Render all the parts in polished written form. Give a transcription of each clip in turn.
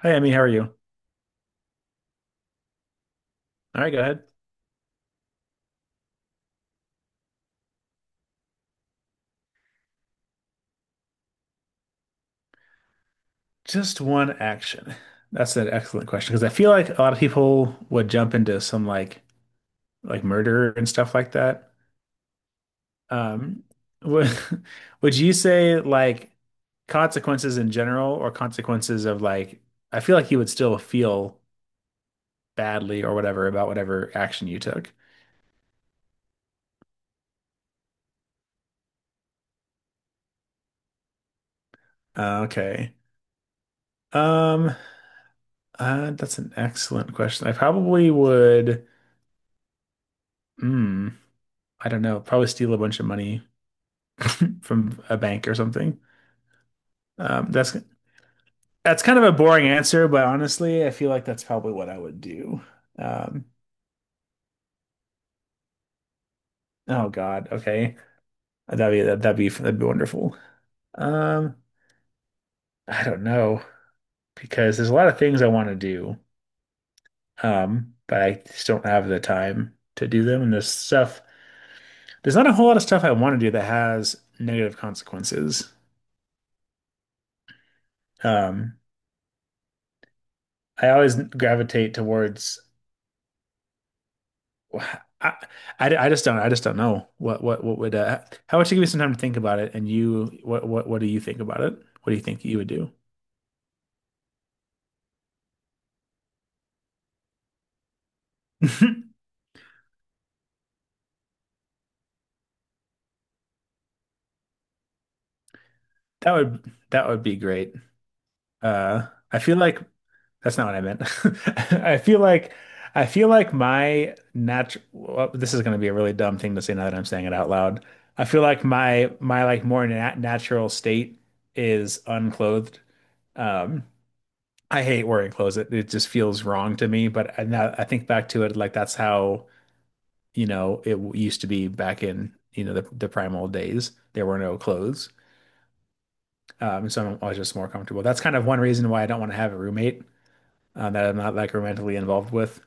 Hi, Emmy. How are you? All right, go ahead. Just one action. That's an excellent question because I feel like a lot of people would jump into some like murder and stuff like that. Um, would would you say like consequences in general or consequences of like I feel like you would still feel badly or whatever about whatever action you took. Okay. Um, that's an excellent question. I probably would. Hmm. I don't know. Probably steal a bunch of money from a bank or something. Um, that's that's kind of a boring answer, but honestly, I feel like that's probably what I would do. Um, oh God, okay, that'd be wonderful. Um, I don't know because there's a lot of things I want to do, but I just don't have the time to do them. And there's stuff, there's not a whole lot of stuff I want to do that has negative consequences. Um, I always gravitate towards I, I, I just don't I just don't know what would how about you give me some time to think about it and you what do you think about it? What do you think you would do? That would be great. I feel like that's not what I meant. I feel like I feel like my natural well, this is going to be a really dumb thing to say now that I'm saying it out loud. I feel like my like more natural state is unclothed. Um, I hate wearing clothes. It just feels wrong to me. But I, now I think back to it, like that's how, you know, it used to be back in, you know, the primal days. There were no clothes. So I was just more comfortable. That's kind of one reason why I don't want to have a roommate that I'm not like romantically involved with.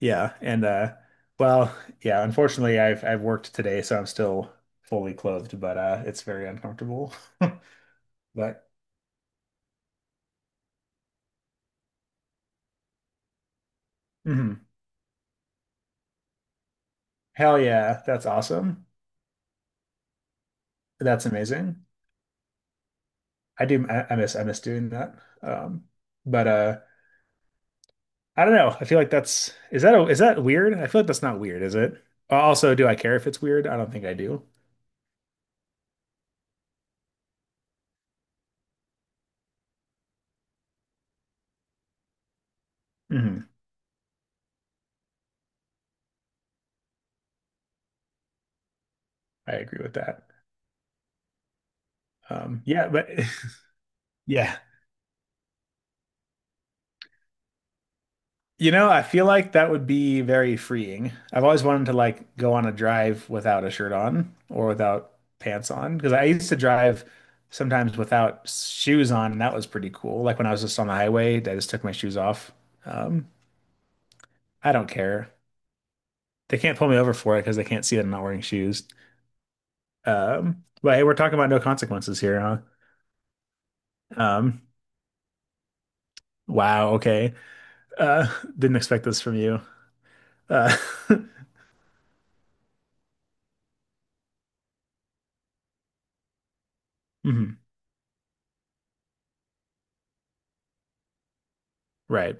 Yeah. And, well, yeah, unfortunately I've worked today, so I'm still fully clothed, but, it's very uncomfortable. But mhm. Hell yeah. That's awesome. That's amazing. I do. I miss. I miss doing that. Um, but I don't know. I feel like that's is that a, is that weird? I feel like that's not weird, is it? Also, do I care if it's weird? I don't think I do. Hmm. I agree with that. Yeah, but yeah, you know, I feel like that would be very freeing. I've always wanted to like go on a drive without a shirt on or without pants on because I used to drive sometimes without shoes on, and that was pretty cool. Like when I was just on the highway, I just took my shoes off. Um, I don't care. They can't pull me over for it because they can't see that I'm not wearing shoes. But hey, we're talking about no consequences here, huh? Um, wow, okay. Uh, didn't expect this from you. Uh, mhm, right.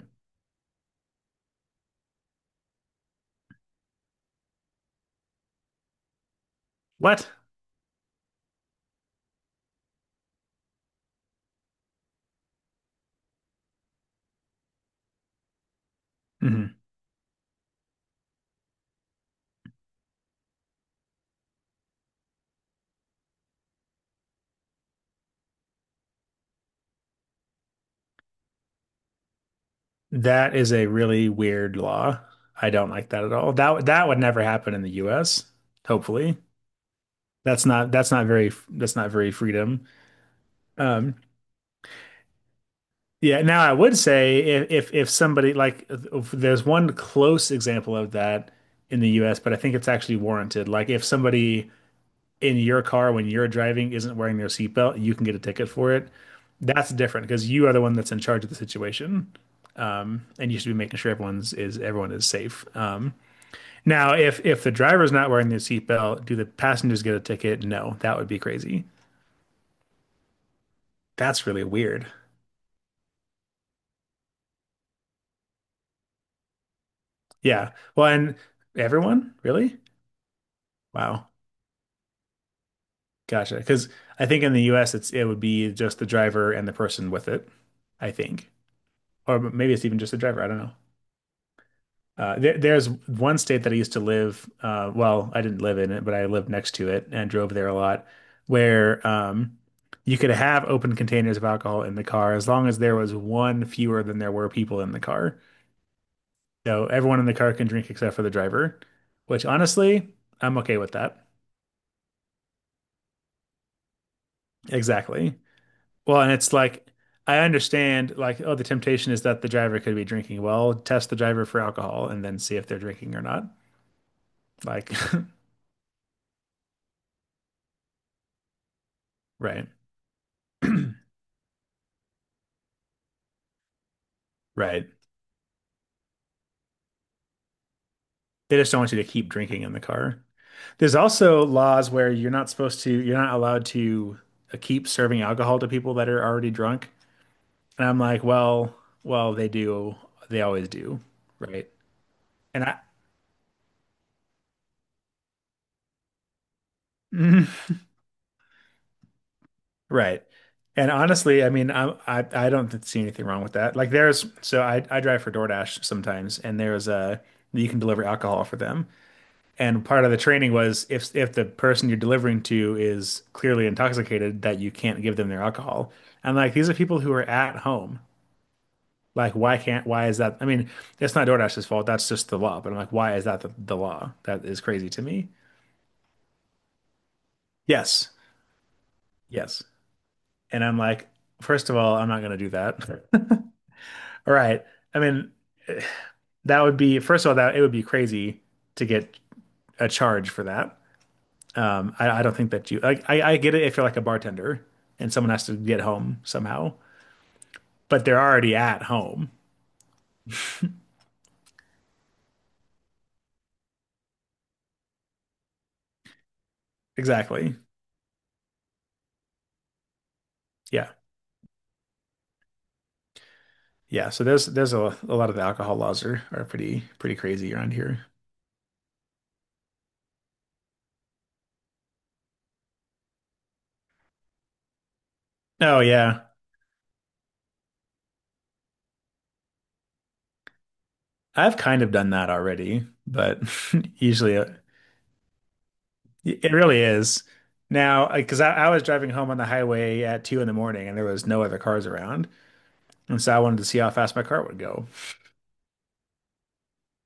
What? Mhm. That is a really weird law. I don't like that at all. That would never happen in the US, hopefully. That's not very freedom. Um, Yeah, now I would say if somebody like if there's one close example of that in the US, but I think it's actually warranted. Like if somebody in your car when you're driving isn't wearing their seatbelt, you can get a ticket for it. That's different because you are the one that's in charge of the situation. And you should be making sure everyone is safe. Now if the driver's not wearing their seatbelt, do the passengers get a ticket? No, that would be crazy. That's really weird. Yeah. Well, and everyone? Really? Wow. Gotcha. Because I think in the US it would be just the driver and the person with it, I think. Or maybe it's even just the driver. I don't know. There's one state that I used to live, well, I didn't live in it, but I lived next to it and drove there a lot, where you could have open containers of alcohol in the car as long as there was one fewer than there were people in the car. So everyone in the car can drink except for the driver, which honestly, I'm okay with that. Exactly. Well, and it's like I understand like oh the temptation is that the driver could be drinking. Well, test the driver for alcohol and then see if they're drinking or not. Like right. Right. They just don't want you to keep drinking in the car. There's also laws where you're not allowed to keep serving alcohol to people that are already drunk. And I'm like, well, well, they do. They always do. Right. And I right. And honestly, I mean, I don't see anything wrong with that. Like there's so I drive for DoorDash sometimes and there's a you can deliver alcohol for them. And part of the training was if the person you're delivering to is clearly intoxicated that you can't give them their alcohol. And like these are people who are at home. Like why can't why is that? I mean, it's not DoorDash's fault. That's just the law. But I'm like, why is that the law? That is crazy to me. Yes. Yes. And I'm like, first of all, I'm not going to do that. All right, I mean, that would be, first of all, that it would be crazy to get a charge for that. I don't think that you, like, I get it if you're like a bartender and someone has to get home somehow, but they're already at home. Exactly. Yeah. Yeah. So there's a lot of the alcohol laws are pretty, pretty crazy around here. Oh, yeah. I've kind of done that already, but usually it, it really is. Now, because I was driving home on the highway at two in the morning and there was no other cars around. And so I wanted to see how fast my car would go.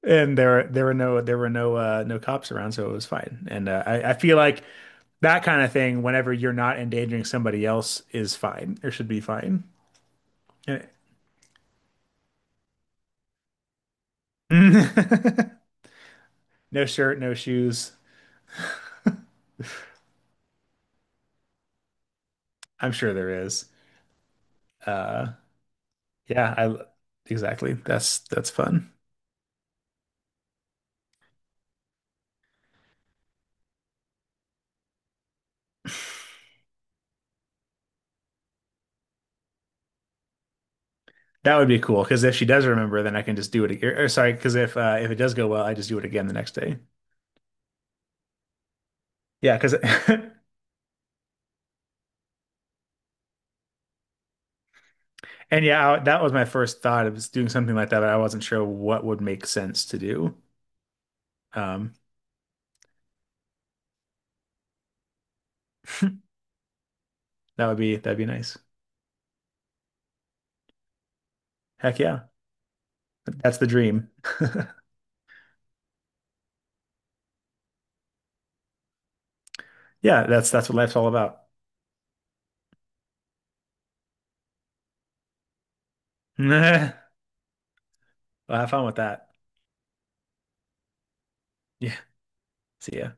And there were no no cops around, so it was fine. And I feel like that kind of thing, whenever you're not endangering somebody else, is fine or should be fine. No shirt, no shoes. I'm sure there is. Uh, yeah, I exactly. That's fun. That would be cool because if she does remember, then I can just do it. Or sorry, because if it does go well, I just do it again the next day. Yeah, because and yeah, I, that was my first thought. It was doing something like that, but I wasn't sure what would make sense to do. Um, that would be that'd be nice. Heck yeah, that's the dream. Yeah, that's what life's all about. Well, have fun with that. Yeah, see ya.